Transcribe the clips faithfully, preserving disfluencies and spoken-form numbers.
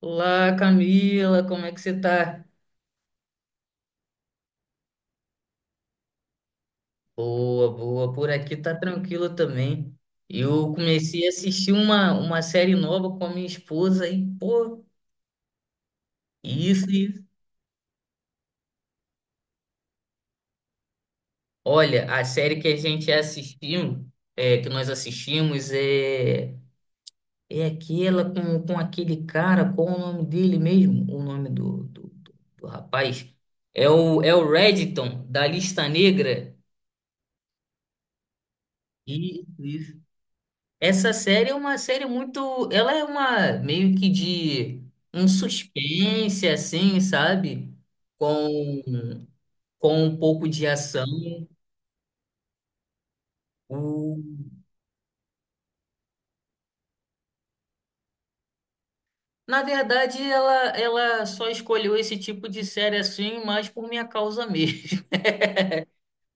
Olá, Camila, como é que você tá? Boa, boa, por aqui tá tranquilo também. Eu comecei a assistir uma, uma série nova com a minha esposa e, pô, isso, isso. Olha, a série que a gente assistiu, é, que nós assistimos é, é aquela com, com aquele cara, qual o nome dele mesmo? O nome do, do, do, do rapaz? É o, é o Reddington da Lista Negra. Isso, isso. Essa série é uma série muito. Ela é uma meio que de um suspense, assim, sabe? Com, com um pouco de ação. O- Na verdade, ela, ela só escolheu esse tipo de série assim, mais por minha causa mesmo.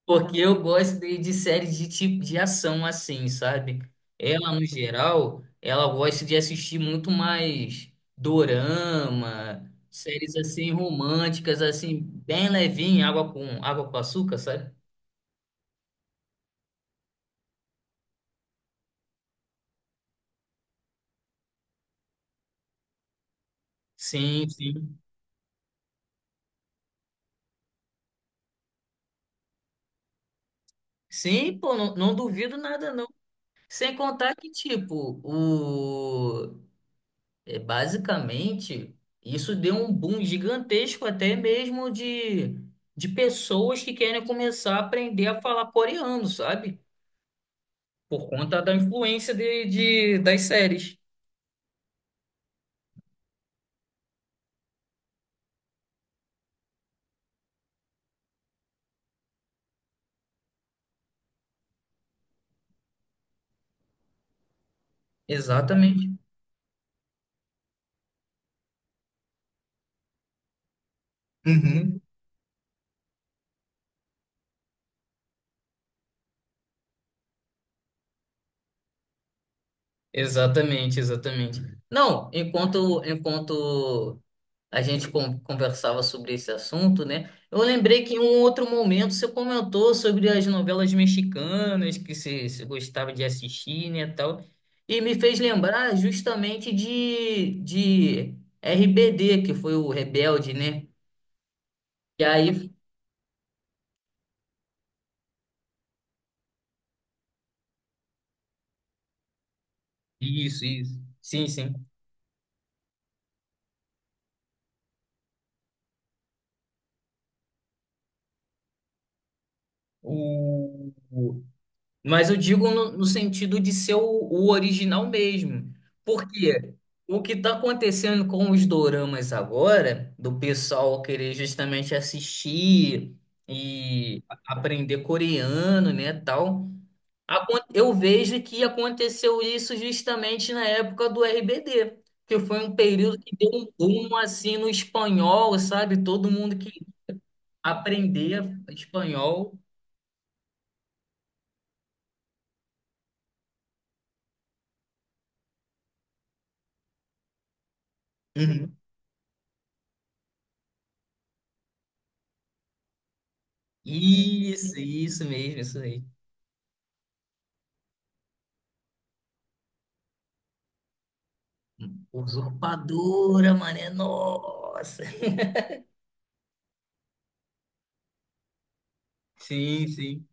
Porque eu gosto de, de séries de tipo de ação assim, sabe? Ela, no geral, ela gosta de assistir muito mais dorama, séries assim românticas, assim, bem levinha, água com água com açúcar, sabe? Sim, sim. Sim, pô, não, não duvido nada, não. Sem contar que, tipo, o... É, basicamente, isso deu um boom gigantesco até mesmo de, de pessoas que querem começar a aprender a falar coreano, sabe? Por conta da influência de, de- das séries. Exatamente. Exatamente, exatamente. Não, enquanto, enquanto a gente con- conversava sobre esse assunto, né? Eu lembrei que em um outro momento você comentou sobre as novelas mexicanas que você, você gostava de assistir, né, tal, e me fez lembrar justamente de, de R B D, que foi o Rebelde, né? E aí, isso, isso. Sim, sim. O... Mas eu digo no, no sentido de ser o, o original mesmo. Porque o que está acontecendo com os doramas agora, do pessoal querer justamente assistir e a- aprender coreano, né, tal, acon- eu vejo que aconteceu isso justamente na época do R B D, que foi um período que deu um boom assim no espanhol, sabe? Todo mundo que aprender espanhol. Uhum. Isso, isso mesmo, isso mesmo. Usurpadora, mané. Nossa. Sim, sim.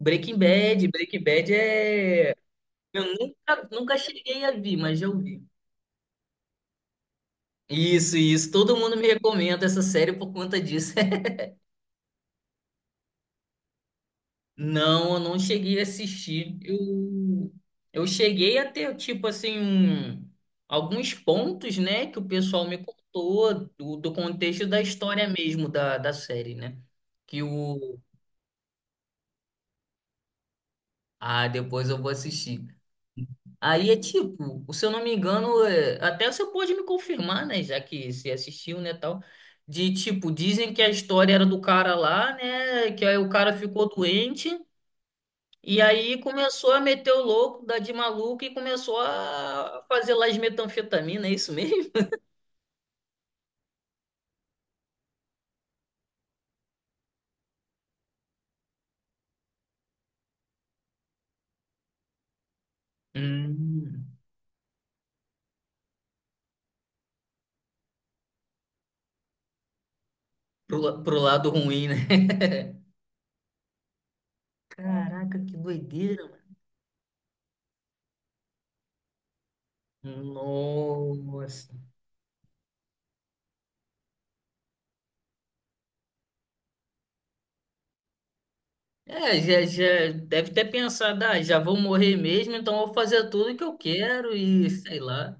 Breaking Bad. Breaking Bad é. Eu nunca, nunca cheguei a ver, mas já ouvi. Isso, isso. Todo mundo me recomenda essa série por conta disso. Não, eu não cheguei a assistir. Eu, eu cheguei a ter, tipo assim, um- alguns pontos, né, que o pessoal me contou do, do contexto da história mesmo da, da série, né? Que o. Ah, depois eu vou assistir. Aí é tipo, se eu não me engano, é, até você pode me confirmar, né? Já que você assistiu, né, tal. De tipo, dizem que a história era do cara lá, né? Que aí o cara ficou doente e aí começou a meter o louco, dar de maluco e começou a fazer lá as metanfetamina, é isso mesmo? Hum, pro, la- pro lado ruim, né? Caraca, que doideira, mano. Nossa. É, já, já deve ter pensado, ah, já vou morrer mesmo, então eu vou fazer tudo o que eu quero e sei lá.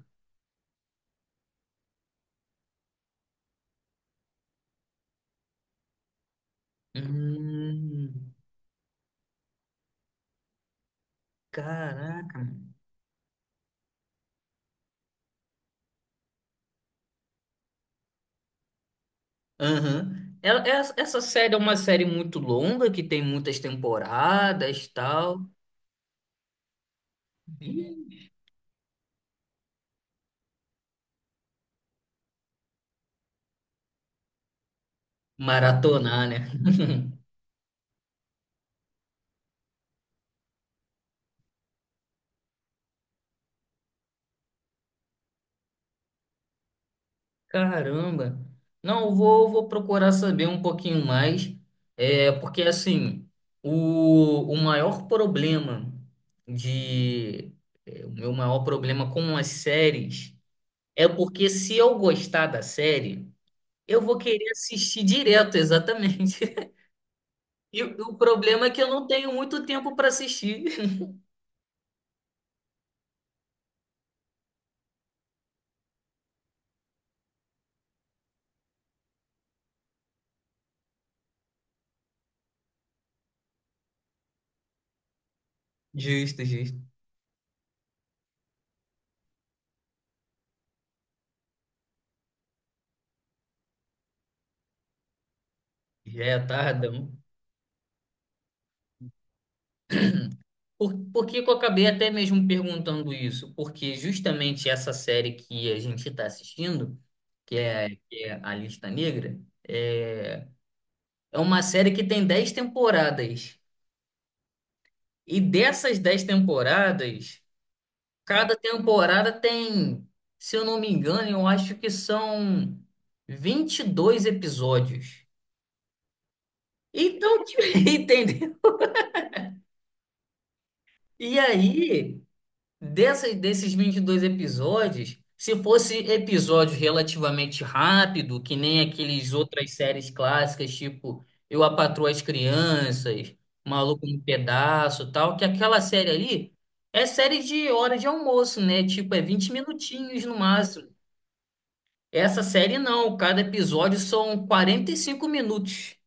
Hum, caraca, mano. Aham. Ela- Essa, essa série é uma série muito longa, que tem muitas temporadas e tal. Ih, maratonar, né? Caramba! Não, eu vou, vou procurar saber um pouquinho mais, é, porque assim, o, o maior problema de, é, o meu maior problema com as séries é porque se eu gostar da série, eu vou querer assistir direto, exatamente. E o, o problema é que eu não tenho muito tempo para assistir. Justo, justo. Já é tarde. Por, por que que eu acabei até mesmo perguntando isso? Porque justamente essa série que a gente está assistindo, que é, que é A Lista Negra, é, é uma série que tem dez temporadas. E dessas dez temporadas, cada temporada tem, se eu não me engano, eu acho que são vinte e dois episódios. Então, entendeu? E aí. Dessa, desses vinte e dois episódios, se fosse episódio relativamente rápido, que nem aqueles outras séries clássicas, tipo Eu, a Patroa e as Crianças, Maluco no Pedaço, e tal, que aquela série ali é série de hora de almoço, né? Tipo, é vinte minutinhos no máximo. Essa série não, cada episódio são quarenta e cinco minutos.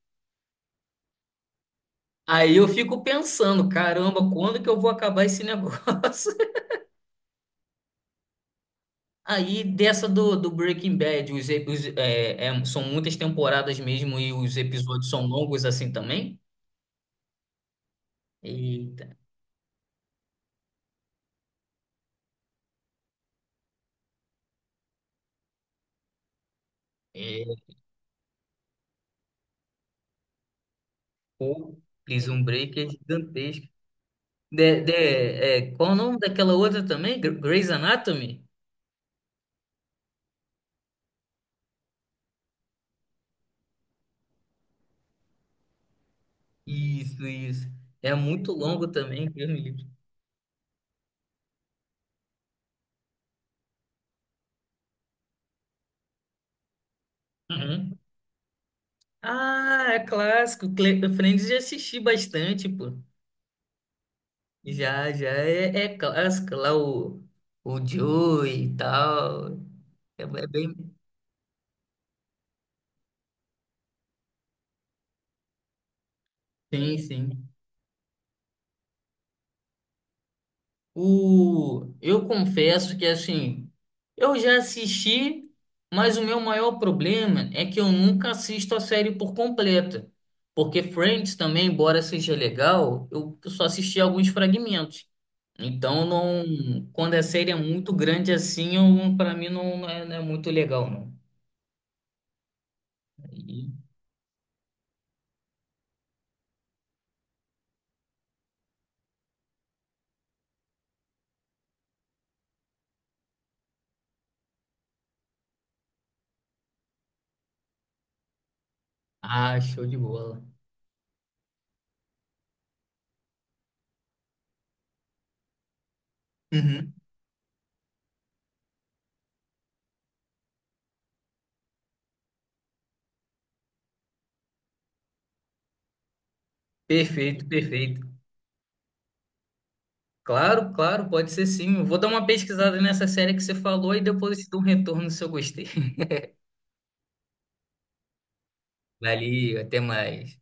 Aí eu fico pensando, caramba, quando que eu vou acabar esse negócio? Aí dessa do, do Breaking Bad, os, ep- os, é, é, são muitas temporadas mesmo e os episódios são longos assim também? Eita, é, pô, Prison Break é gigantesco. De, de, é, qual o nome daquela outra também? Gr- Grey's Anatomy? Isso, isso. É muito longo também, Deus me livre. Uhum. Ah, é clássico. Cle- Friends já assisti bastante, pô. Já, já é, é clássico lá o, o Joey e tal. É, é bem sim, sim. O... Eu confesso que, assim, eu já assisti, mas o meu maior problema é que eu nunca assisto a série por completa. Porque Friends também, embora seja legal, eu só assisti alguns fragmentos. Então, não... quando a série é muito grande assim, eu... para mim não não é, não é muito legal, não. Aí- Ah, show de bola. Uhum. Perfeito, perfeito. Claro, claro, pode ser sim. Eu vou dar uma pesquisada nessa série que você falou e depois eu te dou um retorno se eu gostei. Valeu, até mais.